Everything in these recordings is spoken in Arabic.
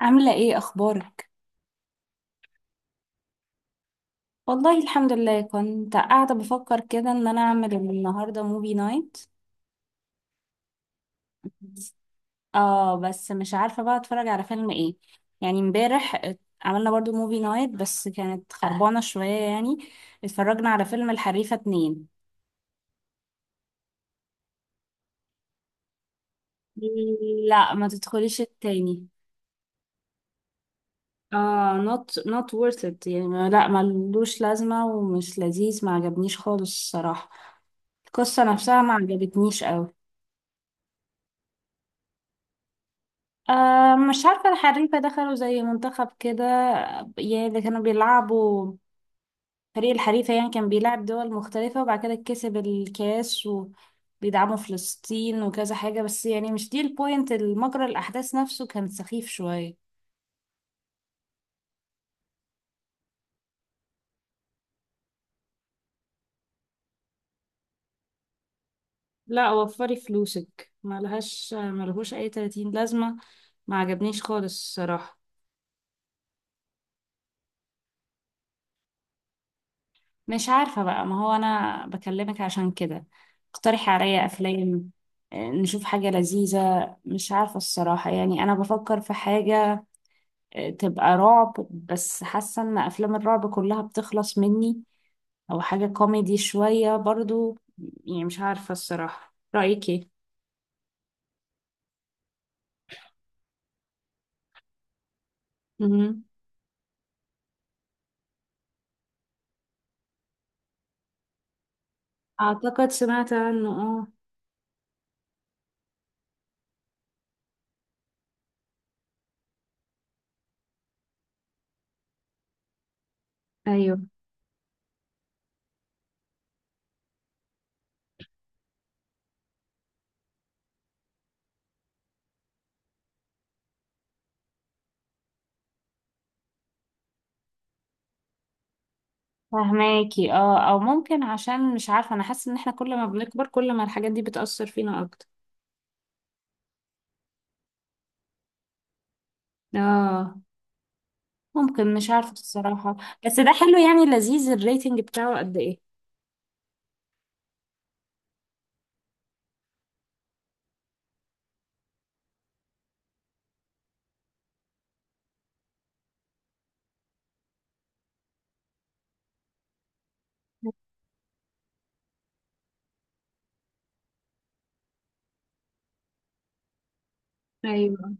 عاملة ايه اخبارك؟ والله الحمد لله، كنت قاعدة بفكر كده ان انا اعمل النهاردة موفي نايت. اه بس مش عارفة بقى اتفرج على فيلم ايه. يعني امبارح عملنا برضو موفي نايت بس كانت خربانة شوية يعني. اتفرجنا على فيلم الحريفة اتنين. لا ما تدخليش التاني. اه not not worth it يعني لا ملوش لازمة ومش لذيذ، ما عجبنيش خالص الصراحة. القصة نفسها ما عجبتنيش. أه مش عارفة، الحريفة دخلوا زي منتخب كده، يعني اللي كانوا بيلعبوا. فريق الحريفة يعني كان بيلعب دول مختلفة وبعد كده كسب الكاس وبيدعموا فلسطين وكذا حاجة، بس يعني مش دي البوينت، المجرى الأحداث نفسه كان سخيف شوية. لا وفري فلوسك، ملهاش ملهوش أي 30 لازمة. ما عجبنيش خالص الصراحة. مش عارفة بقى، ما هو أنا بكلمك عشان كده. اقترحي عليا أفلام. نشوف حاجة لذيذة. مش عارفة الصراحة، يعني أنا بفكر في حاجة. تبقى رعب، بس حاسة إن أفلام الرعب كلها بتخلص مني. أو حاجة كوميدي شوية برضو. يعني مش عارفة الصراحة، رأيك إيه؟ مهم. أعتقد سمعت عنه. اه. أيوه فهماكي، اه أو ممكن عشان مش عارفة، أنا حاسة إن احنا كل ما بنكبر كل ما الحاجات دي بتأثر فينا أكتر. اه. ممكن، مش عارفة الصراحة. بس ده حلو يعني لذيذ؟ الريتنج بتاعه قد ايه؟ ايوه.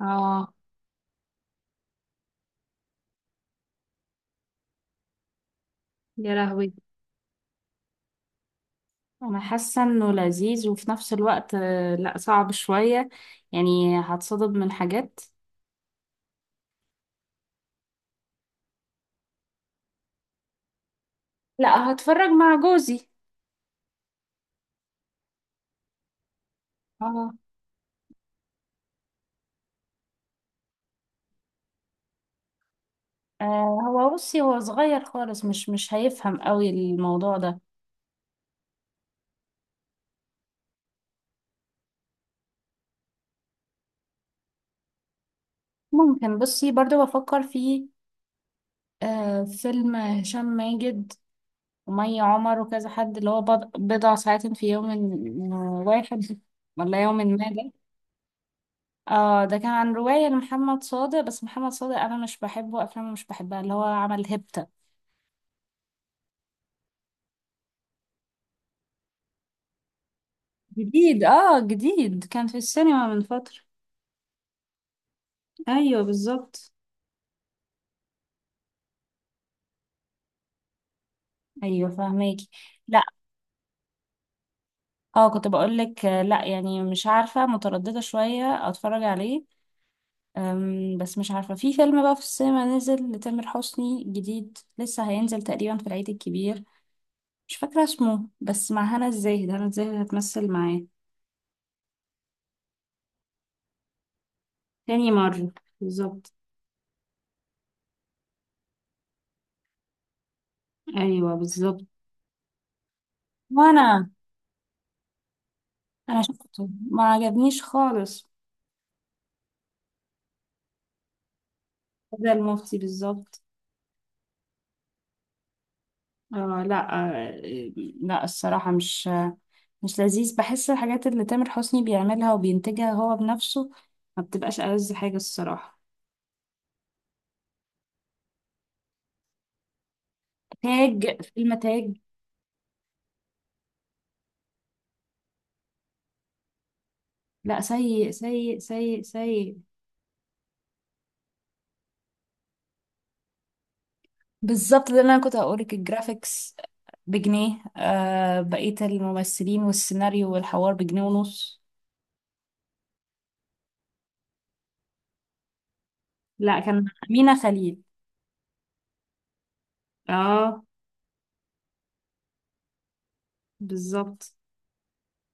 اه. يا لهوي. انا حاسة انه لذيذ، وفي نفس الوقت لا صعب شوية، يعني هتصدم من حاجات. لا هتفرج مع جوزي. اه. آه هو بصي هو صغير خالص، مش هيفهم قوي الموضوع ده. ممكن. بصي برضو بفكر في آه فيلم هشام ماجد ومي عمر وكذا حد، اللي هو بضع ساعات في يوم واحد، ولا يوم ما ده. اه ده كان عن رواية لمحمد صادق، بس محمد صادق انا مش بحبه، افلامه مش بحبها، اللي هو عمل هيبتا. جديد اه جديد، كان في السينما من فترة. ايوه بالظبط. ايوه فهماكي. لا اه كنت بقول لك لا يعني مش عارفة، مترددة شوية اتفرج عليه. بس مش عارفة، في فيلم بقى في السينما نزل لتامر حسني، جديد لسه هينزل تقريبا في العيد الكبير. مش فاكرة اسمه، بس مع هنا الزاهد، هنا الزاهد هتمثل معاه. تاني مرة بالظبط. أيوة بالظبط. وأنا. أنا شفته ما عجبنيش خالص. ده المفتي بالظبط. آه لا. آه لا الصراحة، مش مش لذيذ، بحس الحاجات اللي تامر حسني بيعملها وبينتجها هو بنفسه ما بتبقاش ألذ حاجة الصراحة. تاج، فيلم تاج. لا، سيء سيء سيء سيء. بالظبط، ده اللي انا كنت هقولك، الجرافيكس بجنيه، آه بقية الممثلين والسيناريو والحوار بجنيه ونص. لا كان، أمينة خليل. اه بالظبط.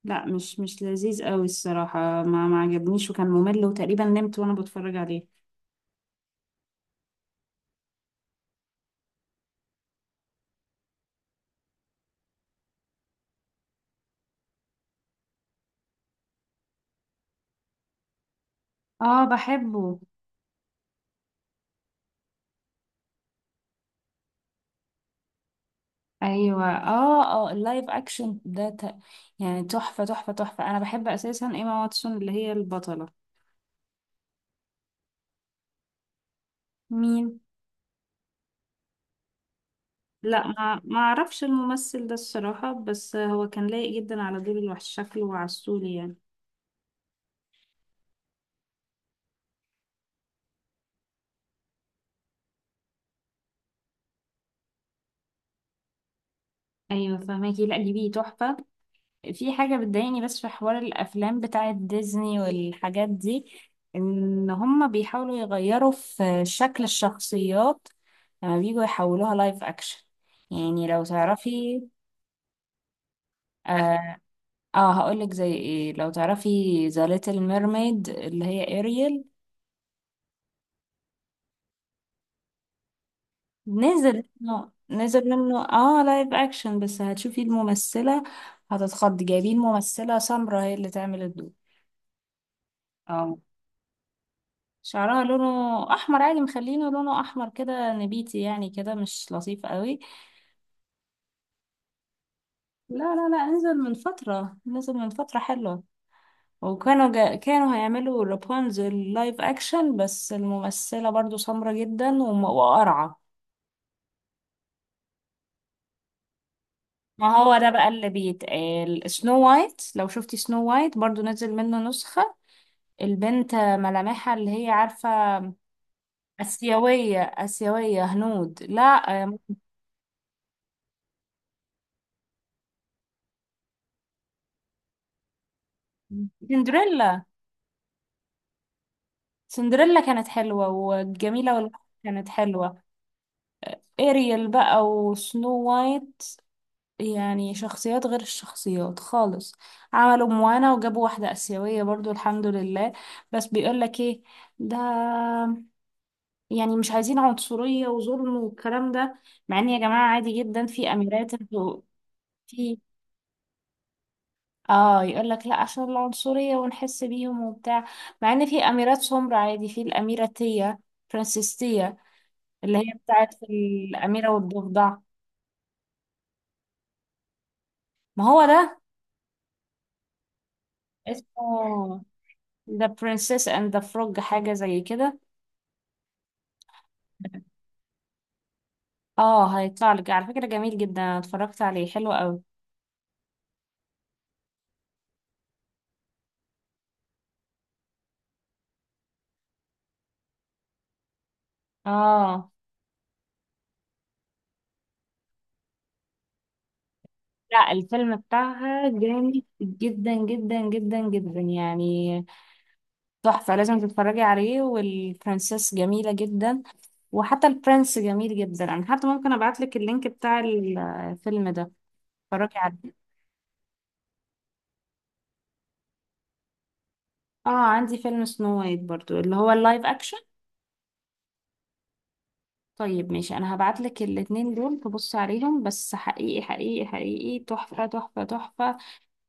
لا مش مش لذيذ قوي الصراحة، ما عجبنيش، وكان ممل، وتقريبا نمت وانا بتفرج عليه. اه بحبه. ايوه اه اه اللايف اكشن ده يعني تحفة تحفة تحفة، انا بحب اساسا ايما واتسون اللي هي البطلة. مين؟ لا ما اعرفش الممثل ده الصراحة، بس هو كان لايق جدا على دور الوحش، شكله وعسولي يعني. ايوه فهماكي. لا دي بيه تحفة. في حاجة بتضايقني بس في حوار الافلام بتاعة ديزني والحاجات دي، ان هما بيحاولوا يغيروا في شكل الشخصيات لما بيجوا يحولوها لايف اكشن. يعني لو تعرفي، اه، آه هقولك زي ايه، لو تعرفي ذا ليتل ميرميد اللي هي اريل. نزل منه، نزل منه اه لايف اكشن، بس هتشوفي الممثلة هتتخض، جايبين ممثلة سمرا هي اللي تعمل الدور. اه. شعرها لونه احمر عادي، مخلينه لونه احمر كده نبيتي، يعني كده مش لطيف قوي. لا نزل من فترة، نزل من فترة حلوة. كانوا هيعملوا رابونزل لايف اكشن، بس الممثلة برضو سمرة جدا وقرعة. ما هو ده بقى اللي بيتقال، سنو وايت، لو شفتي سنو وايت برضو نزل منه نسخة. البنت ملامحها اللي هي عارفة، آسيوية، آسيوية هنود لا. آم، سندريلا. سندريلا كانت حلوة وجميلة والحاجة كانت حلوة. إيريل بقى وسنو وايت، يعني شخصيات غير الشخصيات خالص. عملوا موانا وجابوا واحدة آسيوية برضو، الحمد لله. بس بيقولك ايه ده، يعني مش عايزين عنصرية وظلم والكلام ده. مع ان يا جماعة عادي جدا، في أميرات انتوا، في. اه يقول لك لا عشان العنصرية ونحس بيهم وبتاع. مع ان في اميرات سمر عادي، في الاميرة تيا، فرانسيس تيا، اللي هي بتاعت الاميرة والضفدع. ما هو ده اسمه The Princess and the Frog، حاجة زي كده. اه هيطلع لك على فكرة، جميل جدا، انا اتفرجت عليه، حلو قوي. اه لا الفيلم بتاعها جامد جدا جدا جدا جدا يعني. تحفة، لازم تتفرجي عليه، والبرنسس جميلة جدا، وحتى البرنس جميل جدا. أنا حتى ممكن أبعتلك اللينك بتاع الفيلم ده، اتفرجي عليه. اه عندي فيلم سنو وايت برضو اللي هو اللايف أكشن. طيب ماشي، أنا هبعتلك الاتنين دول، تبصي عليهم، بس حقيقي حقيقي حقيقي تحفة تحفة تحفة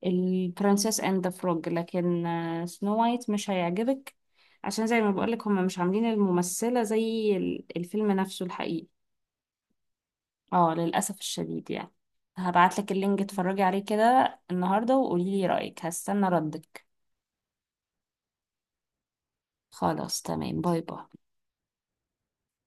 البرنسس اند ذا فروج، لكن سنو وايت مش هيعجبك، عشان زي ما بقولك هما مش عاملين الممثلة زي الفيلم نفسه الحقيقي. اه للأسف الشديد يعني. هبعتلك اللينك، اتفرجي عليه كده النهاردة، وقوليلي رأيك، هستنى ردك. خلاص تمام، باي باي.